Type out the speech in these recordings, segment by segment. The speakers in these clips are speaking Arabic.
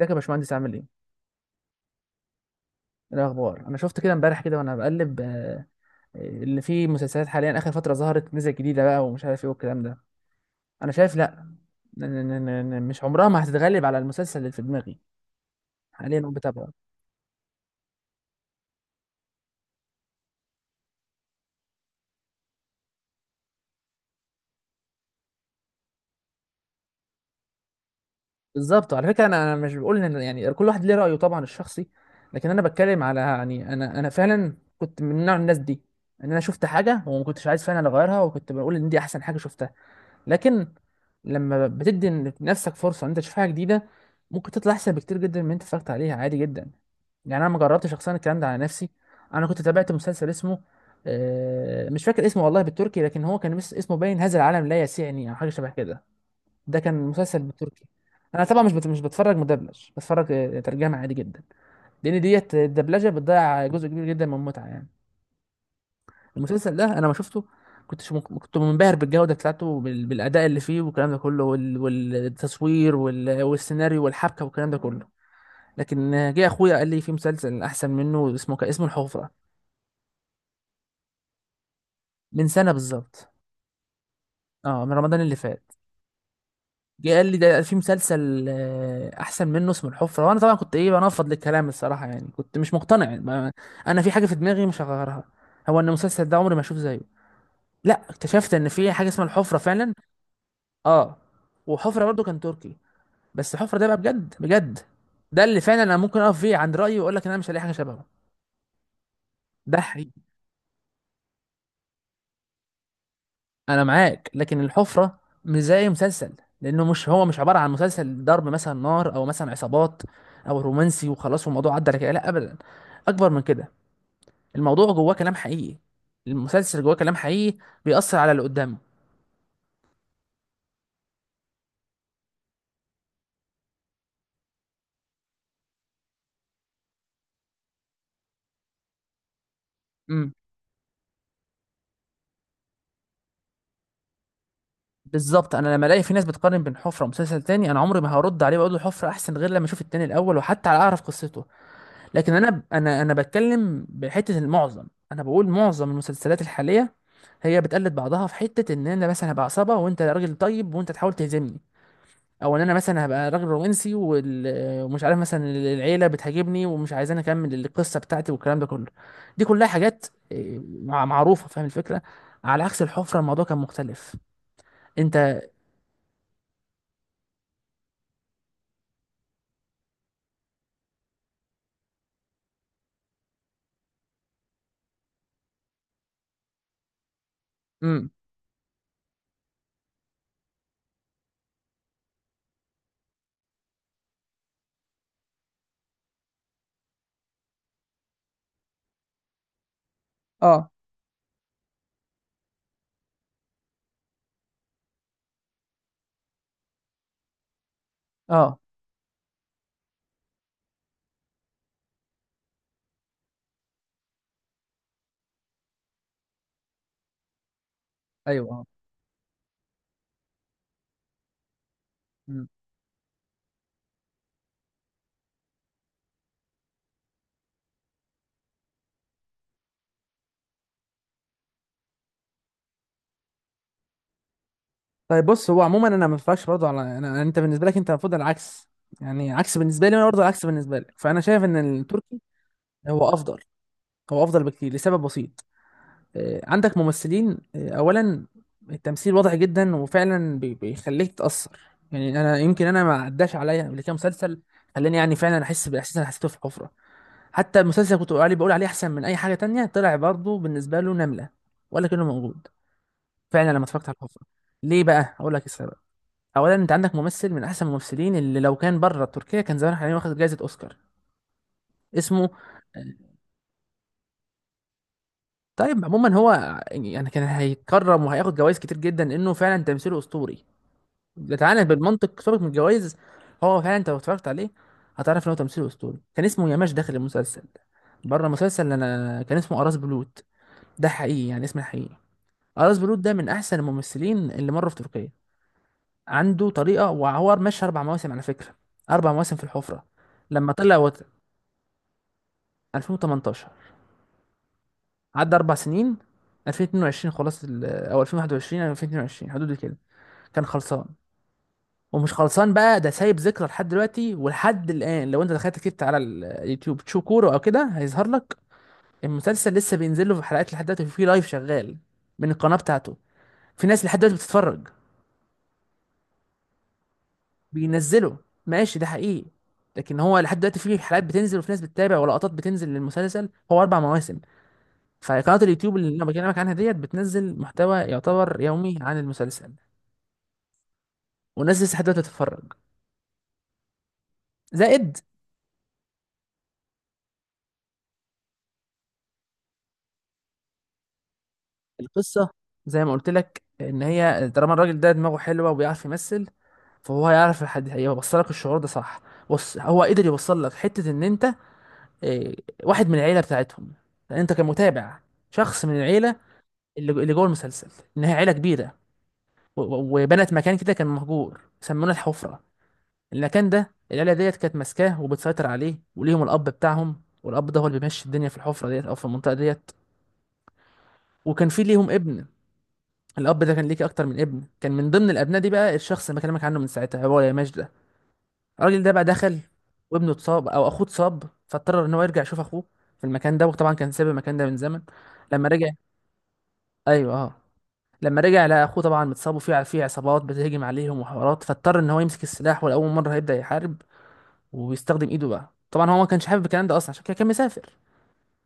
ازيك يا باشمهندس عامل ايه؟ ايه الاخبار؟ انا شفت كده امبارح كده وانا بقلب اللي فيه مسلسلات حاليا اخر فتره ظهرت نزل جديده بقى ومش عارف ايه والكلام ده. انا شايف لا. مش عمرها ما هتتغلب على المسلسل اللي في دماغي. حاليا انا بتابعه. بالظبط على فكره، انا مش بقول ان يعني كل واحد ليه رايه طبعا الشخصي، لكن انا بتكلم على يعني انا فعلا كنت من نوع الناس دي، ان انا شفت حاجه وما كنتش عايز فعلا اغيرها وكنت بقول ان دي احسن حاجه شفتها. لكن لما بتدي لنفسك فرصه ان انت تشوف حاجه جديده، ممكن تطلع احسن بكتير جدا من اللي انت اتفرجت عليها عادي جدا. يعني انا ما جربتش شخصيا الكلام ده على نفسي. انا كنت تابعت مسلسل اسمه مش فاكر اسمه والله بالتركي، لكن هو كان اسمه باين هذا العالم لا يسعني او حاجه شبه كده. ده كان مسلسل بالتركي. انا طبعا مش بتفرج مدبلج، بتفرج ترجمه عادي جدا، لان ديت الدبلجه بتضيع جزء كبير جدا من المتعه يعني. المسلسل ده انا ما شفته، كنت منبهر بالجوده بتاعته بالاداء اللي فيه والكلام ده كله والتصوير والسيناريو والحبكه والكلام ده كله. لكن جه اخويا قال لي في مسلسل احسن منه اسمه اسمه الحفره. من سنه بالظبط. اه، من رمضان اللي فات. جه قال لي ده في مسلسل احسن منه اسمه الحفره، وانا طبعا كنت ايه بنفض للكلام الصراحه يعني، كنت مش مقتنع. انا في حاجه في دماغي مش هغيرها، هو ان المسلسل ده عمري ما اشوف زيه. لا، اكتشفت ان في حاجه اسمها الحفره فعلا. اه. وحفره برضو كان تركي. بس حفرة ده بقى بجد بجد، ده اللي فعلا انا ممكن اقف فيه عند رايي واقول لك ان انا مش هلاقي حاجه شبهه. ده حقيقي. انا معاك، لكن الحفره مش زي مسلسل، لانه مش هو مش عباره عن مسلسل ضرب مثلا نار او مثلا عصابات او رومانسي وخلاص والموضوع عدى على كده، لا ابدا، اكبر من كده. الموضوع جواه كلام حقيقي. المسلسل جواه كلام حقيقي، بيأثر على اللي قدامه. امم. بالظبط. انا لما الاقي في ناس بتقارن بين حفره ومسلسل تاني، انا عمري ما هرد عليه واقول له حفره احسن غير لما اشوف التاني الاول وحتى على اعرف قصته. لكن انا بتكلم بحته، المعظم انا بقول معظم المسلسلات الحاليه هي بتقلد بعضها في حته، ان انا مثلا هبقى عصابه وانت راجل طيب وانت تحاول تهزمني، او ان انا مثلا هبقى راجل رومانسي ومش عارف مثلا العيله بتهاجمني ومش عايزاني اكمل القصه بتاعتي والكلام ده كله. دي كلها حاجات معروفه، فاهم الفكره. على عكس الحفره الموضوع كان مختلف. انت. امم. اه. اه. ايوه. اه. طيب بص هو عموما، انا ما ينفعش برضه انت بالنسبه لك انت المفروض العكس، يعني عكس بالنسبه لي وانا برضه العكس بالنسبه لك، فانا شايف ان التركي هو افضل. هو افضل بكتير لسبب بسيط. عندك ممثلين، اولا التمثيل واضح جدا وفعلا بيخليك تتاثر. يعني انا يمكن انا ما عداش عليا قبل كده مسلسل خلاني يعني فعلا احس بالاحساس اللي أنا حسيته في حفره. حتى المسلسل كنت بقول عليه احسن من اي حاجه تانية، طلع برضه بالنسبه له نمله، ولا كانه موجود، فعلا لما اتفرجت على الحفره. ليه بقى؟ اقول لك السبب. اولا انت عندك ممثل من احسن الممثلين، اللي لو كان بره تركيا كان زمان حاليا واخد جائزه اوسكار. اسمه طيب عموما هو يعني كان هيتكرم وهياخد جوائز كتير جدا لانه فعلا تمثيله اسطوري. تعالى بالمنطق، سيبك من الجوائز. هو فعلا انت لو اتفرجت عليه هتعرف ان هو تمثيله اسطوري. كان اسمه ياماش داخل المسلسل، بره المسلسل انا كان اسمه اراس بلوت. ده حقيقي يعني، اسمه حقيقي. اراس بلوت ده من احسن الممثلين اللي مروا في تركيا. عنده طريقه، وهو ماشي 4 مواسم على فكره. 4 مواسم في الحفره. لما طلع 2018، عدى 4 سنين، 2022 خلاص، او 2021 او 2022 حدود كده، كان خلصان. ومش خلصان بقى، ده سايب ذكرى لحد دلوقتي ولحد الان. لو انت دخلت كتبت على اليوتيوب تشوف كوره او كده هيظهر لك. المسلسل لسه بينزل له في حلقات لحد دلوقتي، في لايف شغال من القناه بتاعته. في ناس لحد دلوقتي بتتفرج. بينزله. ماشي، ده حقيقي. لكن هو لحد دلوقتي في حلقات بتنزل وفي ناس بتتابع ولقطات بتنزل للمسلسل، هو 4 مواسم. فقناة اليوتيوب اللي انا بكلمك عنها ديت بتنزل محتوى يعتبر يومي عن المسلسل. والناس لسه حتى تتفرج. زائد. القصة، زي ما قلت لك، ان هي طالما الراجل ده دماغه حلوة وبيعرف يمثل، فهو هيعرف الحد هيوصل لك الشعور ده صح. بص هو قدر يوصل لك حتة ان انت إيه، واحد من العيلة بتاعتهم. لان انت كمتابع شخص من العيلة، اللي جوه المسلسل، انها عيلة كبيرة، وبنت مكان كده كان مهجور سمونا الحفرة. المكان ده العيله ديت كانت ماسكاه وبتسيطر عليه، وليهم الاب بتاعهم، والاب ده هو اللي بيمشي الدنيا في الحفره ديت او في المنطقه ديت. وكان في ليهم ابن. الاب ده كان ليك اكتر من ابن، كان من ضمن الابناء دي بقى الشخص اللي بكلمك عنه من ساعتها، هو يا ماجد ده. الراجل ده بقى دخل، وابنه اتصاب او اخوه اتصاب، فاضطر ان هو يرجع يشوف اخوه في المكان ده، وطبعا كان ساب المكان ده من زمن. لما رجع. ايوه، اه. لما رجع لقى اخوه طبعا متصاب، وفي عصابات بتهجم عليهم وحوارات، فاضطر ان هو يمسك السلاح ولاول مره هيبدا يحارب، وبيستخدم ايده بقى. طبعا هو ما كانش حابب الكلام ده اصلا، عشان كده كان مسافر،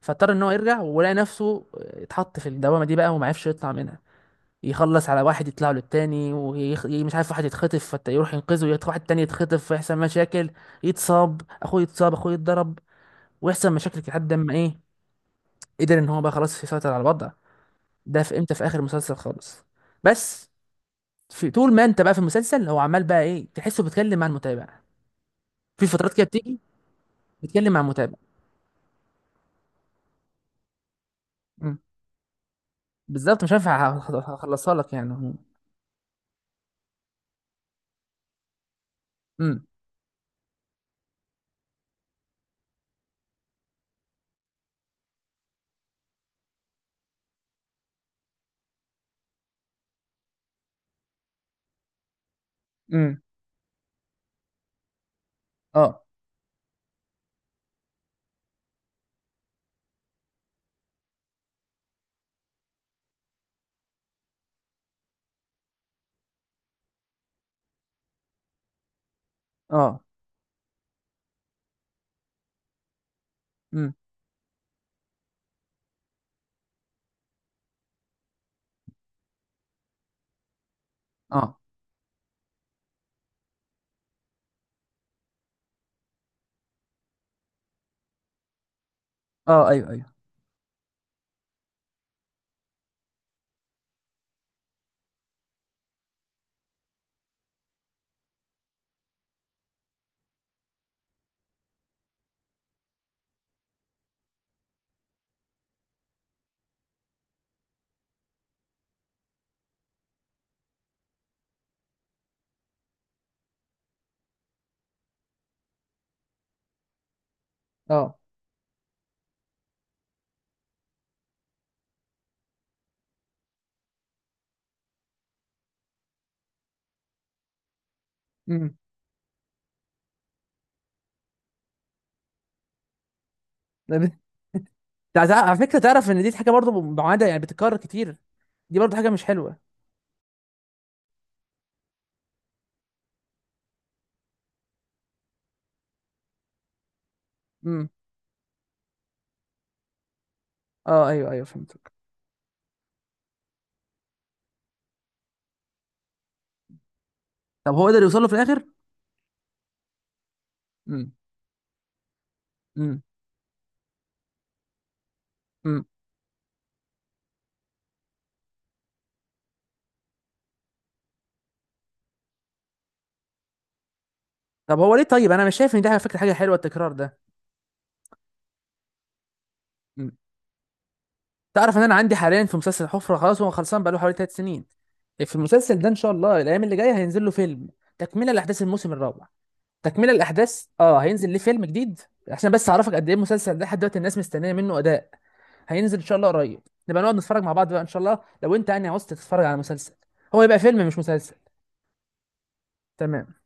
فاضطر ان هو يرجع ولقى نفسه اتحط في الدوامه دي بقى وما عرفش يطلع منها. يخلص على واحد يطلع له التاني مش عارف، واحد يتخطف فيروح ينقذه، يروح واحد تاني يتخطف فيحصل مشاكل، يتصاب اخوه، يتصاب اخوه، يتضرب، ويحصل مشاكل كده لحد ما ايه قدر ان هو بقى خلاص يسيطر على الوضع. ده في امتى؟ في اخر المسلسل خالص. بس في طول ما انت بقى في المسلسل هو عمال بقى ايه تحسه بيتكلم مع المتابع. في فترات كده بتيجي بيتكلم مع المتابع. إمم. بالظبط، مش هينفع هخلصها لك يعني. امم. امم. اه. اه. امم. اه. اه. ايوه. ايوه. اه. امم. على فكره، تعرف ان دي حاجه برضو معاده يعني بتتكرر كتير، دي برضو حاجه مش حلوه. امم. اه، ايوه، ايوه، فهمتك. طب هو قدر يوصل له في الاخر؟ امم. امم. امم. طب هو ليه؟ طيب انا مش شايف ان دي على فكره حاجه حلوه التكرار ده. امم. تعرف ان انا عندي حاليا في مسلسل حفره، خلاص هو خلصان بقاله حوالي 3 سنين. في المسلسل ده ان شاء الله الايام اللي جايه هينزل له فيلم، تكمله لاحداث الموسم الرابع. تكملة الأحداث، هينزل ليه فيلم جديد، عشان بس أعرفك قد إيه المسلسل ده لحد دلوقتي الناس مستنية منه أداء. هينزل إن شاء الله قريب. نبقى نقعد نتفرج مع بعض بقى إن شاء الله لو أنت يعني عاوز تتفرج على مسلسل. هو يبقى فيلم مش مسلسل. تمام